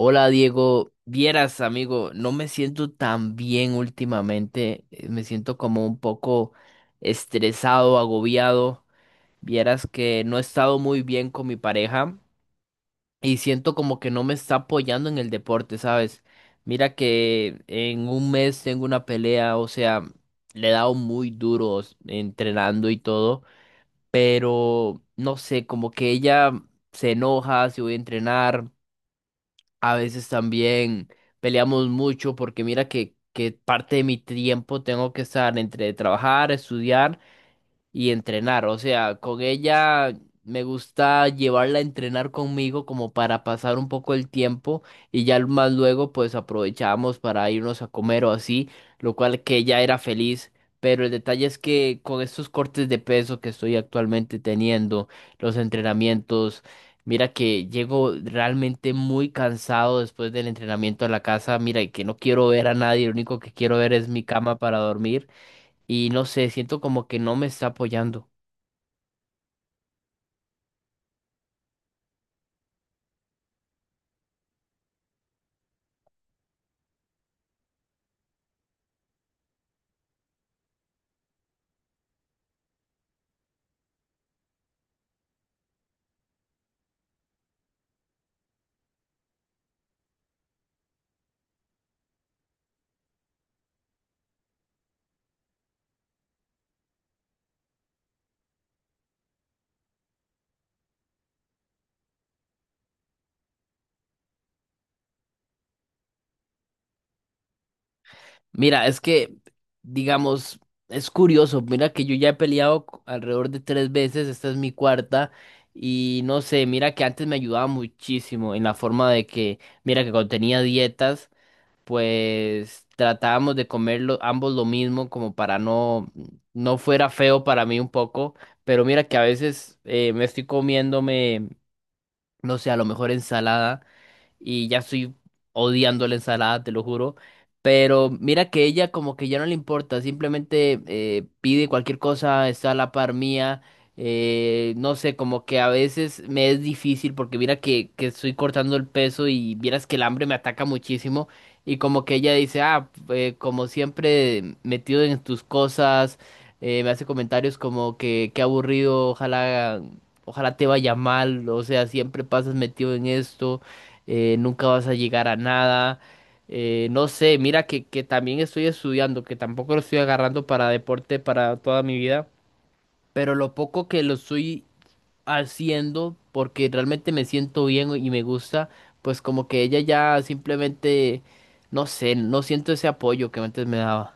Hola Diego, vieras amigo, no me siento tan bien últimamente, me siento como un poco estresado, agobiado, vieras que no he estado muy bien con mi pareja y siento como que no me está apoyando en el deporte, ¿sabes? Mira que en un mes tengo una pelea, o sea, le he dado muy duro entrenando y todo, pero no sé, como que ella se enoja si voy a entrenar. A veces también peleamos mucho porque mira que parte de mi tiempo tengo que estar entre trabajar, estudiar y entrenar. O sea, con ella me gusta llevarla a entrenar conmigo como para pasar un poco el tiempo y ya más luego pues aprovechábamos para irnos a comer o así, lo cual que ella era feliz. Pero el detalle es que con estos cortes de peso que estoy actualmente teniendo, los entrenamientos, mira que llego realmente muy cansado después del entrenamiento a la casa, mira y que no quiero ver a nadie, lo único que quiero ver es mi cama para dormir y no sé, siento como que no me está apoyando. Mira, es que, digamos, es curioso, mira que yo ya he peleado alrededor de tres veces, esta es mi cuarta, y no sé, mira que antes me ayudaba muchísimo en la forma de que, mira que cuando tenía dietas, pues tratábamos de comer ambos lo mismo como para no, no fuera feo para mí un poco, pero mira que a veces me estoy comiéndome, no sé, a lo mejor ensalada. Y ya estoy odiando la ensalada, te lo juro. Pero mira que ella como que ya no le importa, simplemente pide cualquier cosa, está a la par mía. No sé, como que a veces me es difícil porque mira que estoy cortando el peso y vieras que el hambre me ataca muchísimo y como que ella dice, ah, como siempre metido en tus cosas, me hace comentarios como que qué aburrido, ojalá, ojalá te vaya mal, o sea, siempre pasas metido en esto, nunca vas a llegar a nada. No sé, mira que también estoy estudiando, que tampoco lo estoy agarrando para deporte para toda mi vida, pero lo poco que lo estoy haciendo, porque realmente me siento bien y me gusta, pues como que ella ya simplemente, no sé, no siento ese apoyo que antes me daba.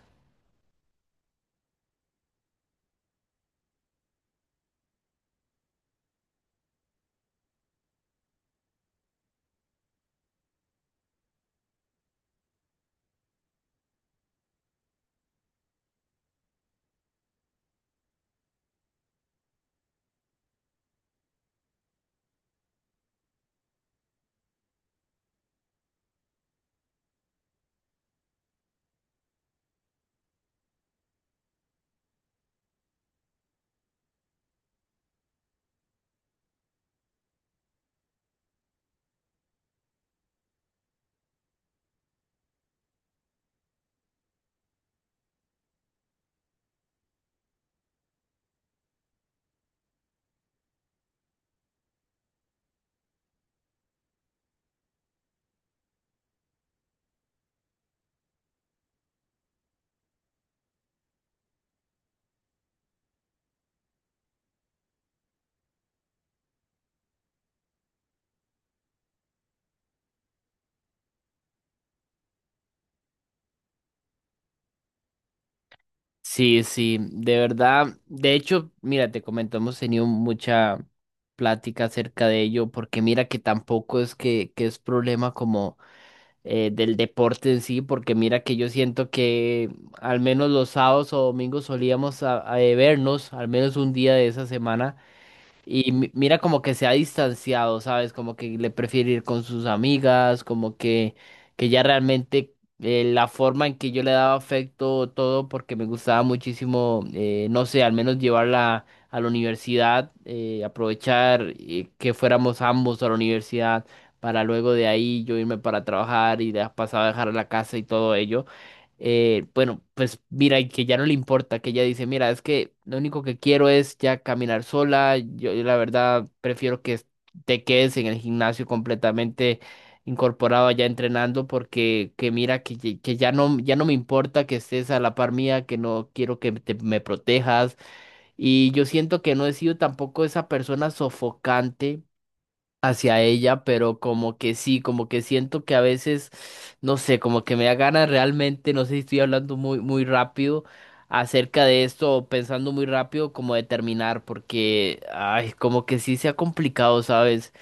Sí, sí, de verdad. De hecho, mira, te comento, hemos tenido mucha plática acerca de ello, porque mira que tampoco es que es problema como del deporte en sí, porque mira que yo siento que al menos los sábados o domingos solíamos a vernos, al menos un día de esa semana y mira como que se ha distanciado, ¿sabes? Como que le prefiere ir con sus amigas, como que ya realmente la forma en que yo le daba afecto, todo, porque me gustaba muchísimo, no sé, al menos llevarla a la universidad, aprovechar que fuéramos ambos a la universidad para luego de ahí yo irme para trabajar y de pasado a dejar la casa y todo ello, bueno, pues mira, y que ya no le importa, que ella dice, mira, es que lo único que quiero es ya caminar sola, yo, la verdad prefiero que te quedes en el gimnasio completamente incorporado allá entrenando porque que mira que, ye- que ya no ya no me importa que estés a la par mía, que no quiero que me protejas y yo siento que no he sido tampoco esa persona sofocante hacia ella, pero como que sí, como que siento que a veces, no sé, como que me da ganas realmente, no sé si estoy hablando muy, muy rápido acerca de esto o pensando muy rápido como de terminar, porque, ay, como que sí se ha complicado, ¿sabes?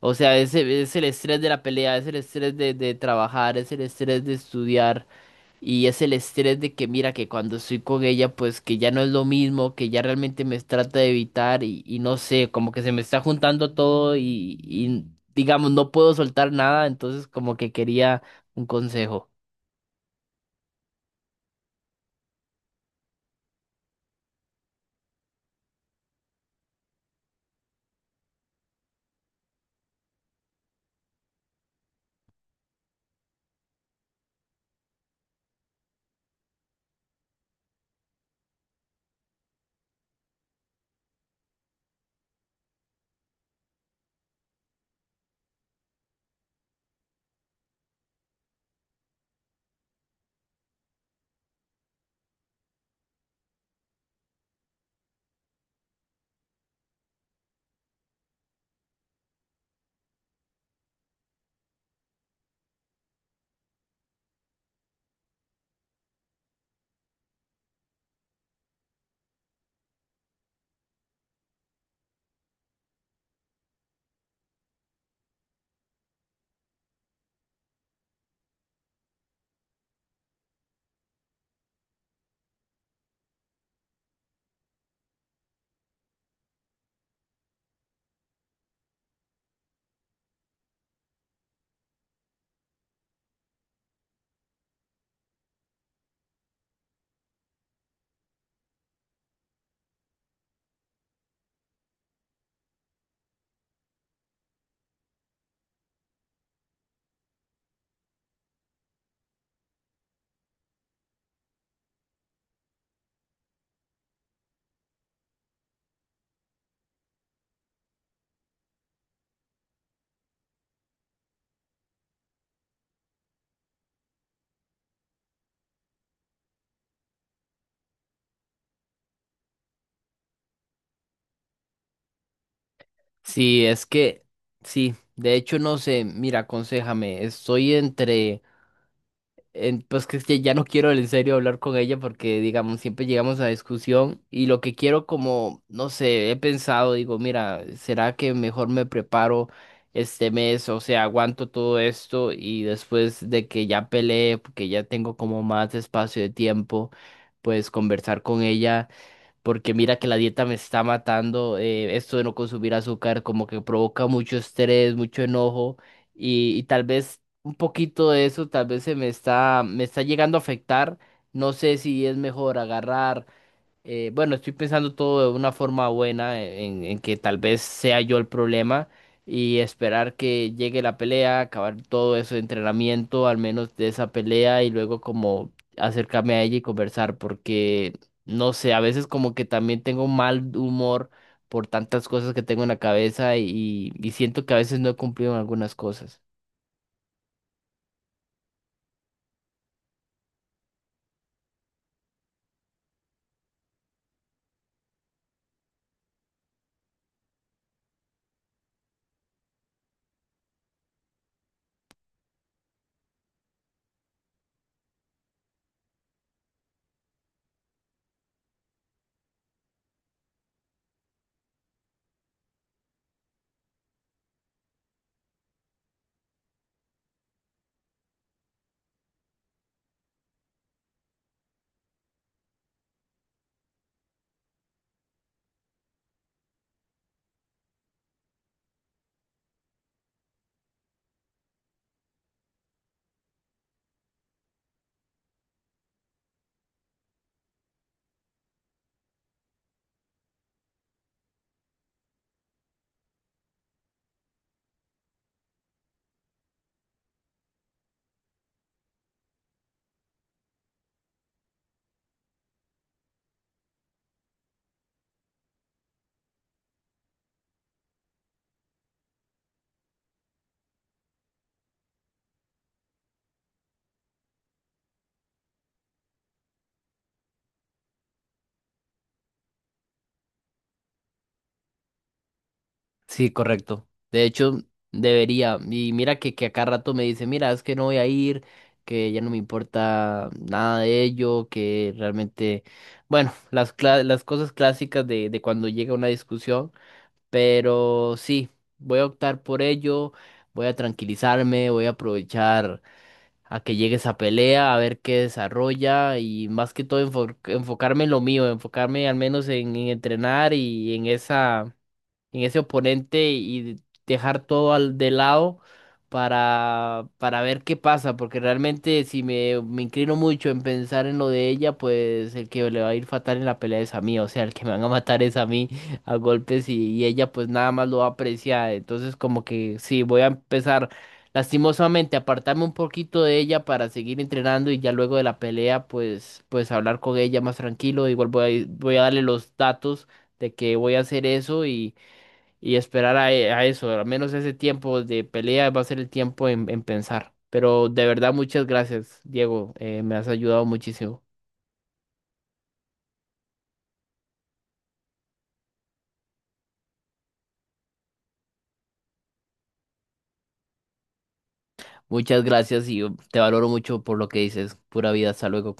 O sea, es, es el estrés de la pelea, es el estrés de trabajar, es el estrés de estudiar. Y es el estrés de que mira que cuando estoy con ella, pues que ya no es lo mismo, que ya realmente me trata de evitar y no sé, como que se me está juntando todo y digamos, no puedo soltar nada, entonces como que quería un consejo. Sí, es que, sí, de hecho no sé, mira, aconséjame, estoy entre... pues que es que ya no quiero en serio hablar con ella porque, digamos, siempre llegamos a discusión y lo que quiero como, no sé, he pensado, digo, mira, ¿será que mejor me preparo este mes? O sea, aguanto todo esto y después de que ya peleé, porque ya tengo como más espacio de tiempo, pues conversar con ella porque mira que la dieta me está matando, esto de no consumir azúcar como que provoca mucho estrés, mucho enojo y tal vez un poquito de eso tal vez me está llegando a afectar. No sé si es mejor agarrar bueno, estoy pensando todo de una forma buena, en que tal vez sea yo el problema y esperar que llegue la pelea, acabar todo ese entrenamiento, al menos de esa pelea, y luego como acercarme a ella y conversar, porque no sé, a veces como que también tengo mal humor por tantas cosas que tengo en la cabeza y siento que a veces no he cumplido en algunas cosas. Sí, correcto. De hecho, debería. Y mira que a cada rato me dice, mira, es que no voy a ir, que ya no me importa nada de ello, que realmente, bueno, las, las cosas clásicas de cuando llega una discusión, pero sí, voy a optar por ello, voy a tranquilizarme, voy a aprovechar a que llegue esa pelea, a ver qué desarrolla y más que todo enfocarme en lo mío, enfocarme al menos en entrenar y en esa en ese oponente y dejar todo al de lado para ver qué pasa, porque realmente si me inclino mucho en pensar en lo de ella, pues el que le va a ir fatal en la pelea es a mí, o sea, el que me van a matar es a mí a golpes y ella pues nada más lo va a apreciar, entonces como que sí, voy a empezar lastimosamente a apartarme un poquito de ella para seguir entrenando y ya luego de la pelea pues hablar con ella más tranquilo, igual voy a darle los datos de que voy a hacer eso y esperar a, e, a eso. Al menos ese tiempo de pelea va a ser el tiempo en pensar. Pero de verdad, muchas gracias, Diego. Me has ayudado muchísimo. Muchas gracias y yo te valoro mucho por lo que dices. Pura vida, hasta luego.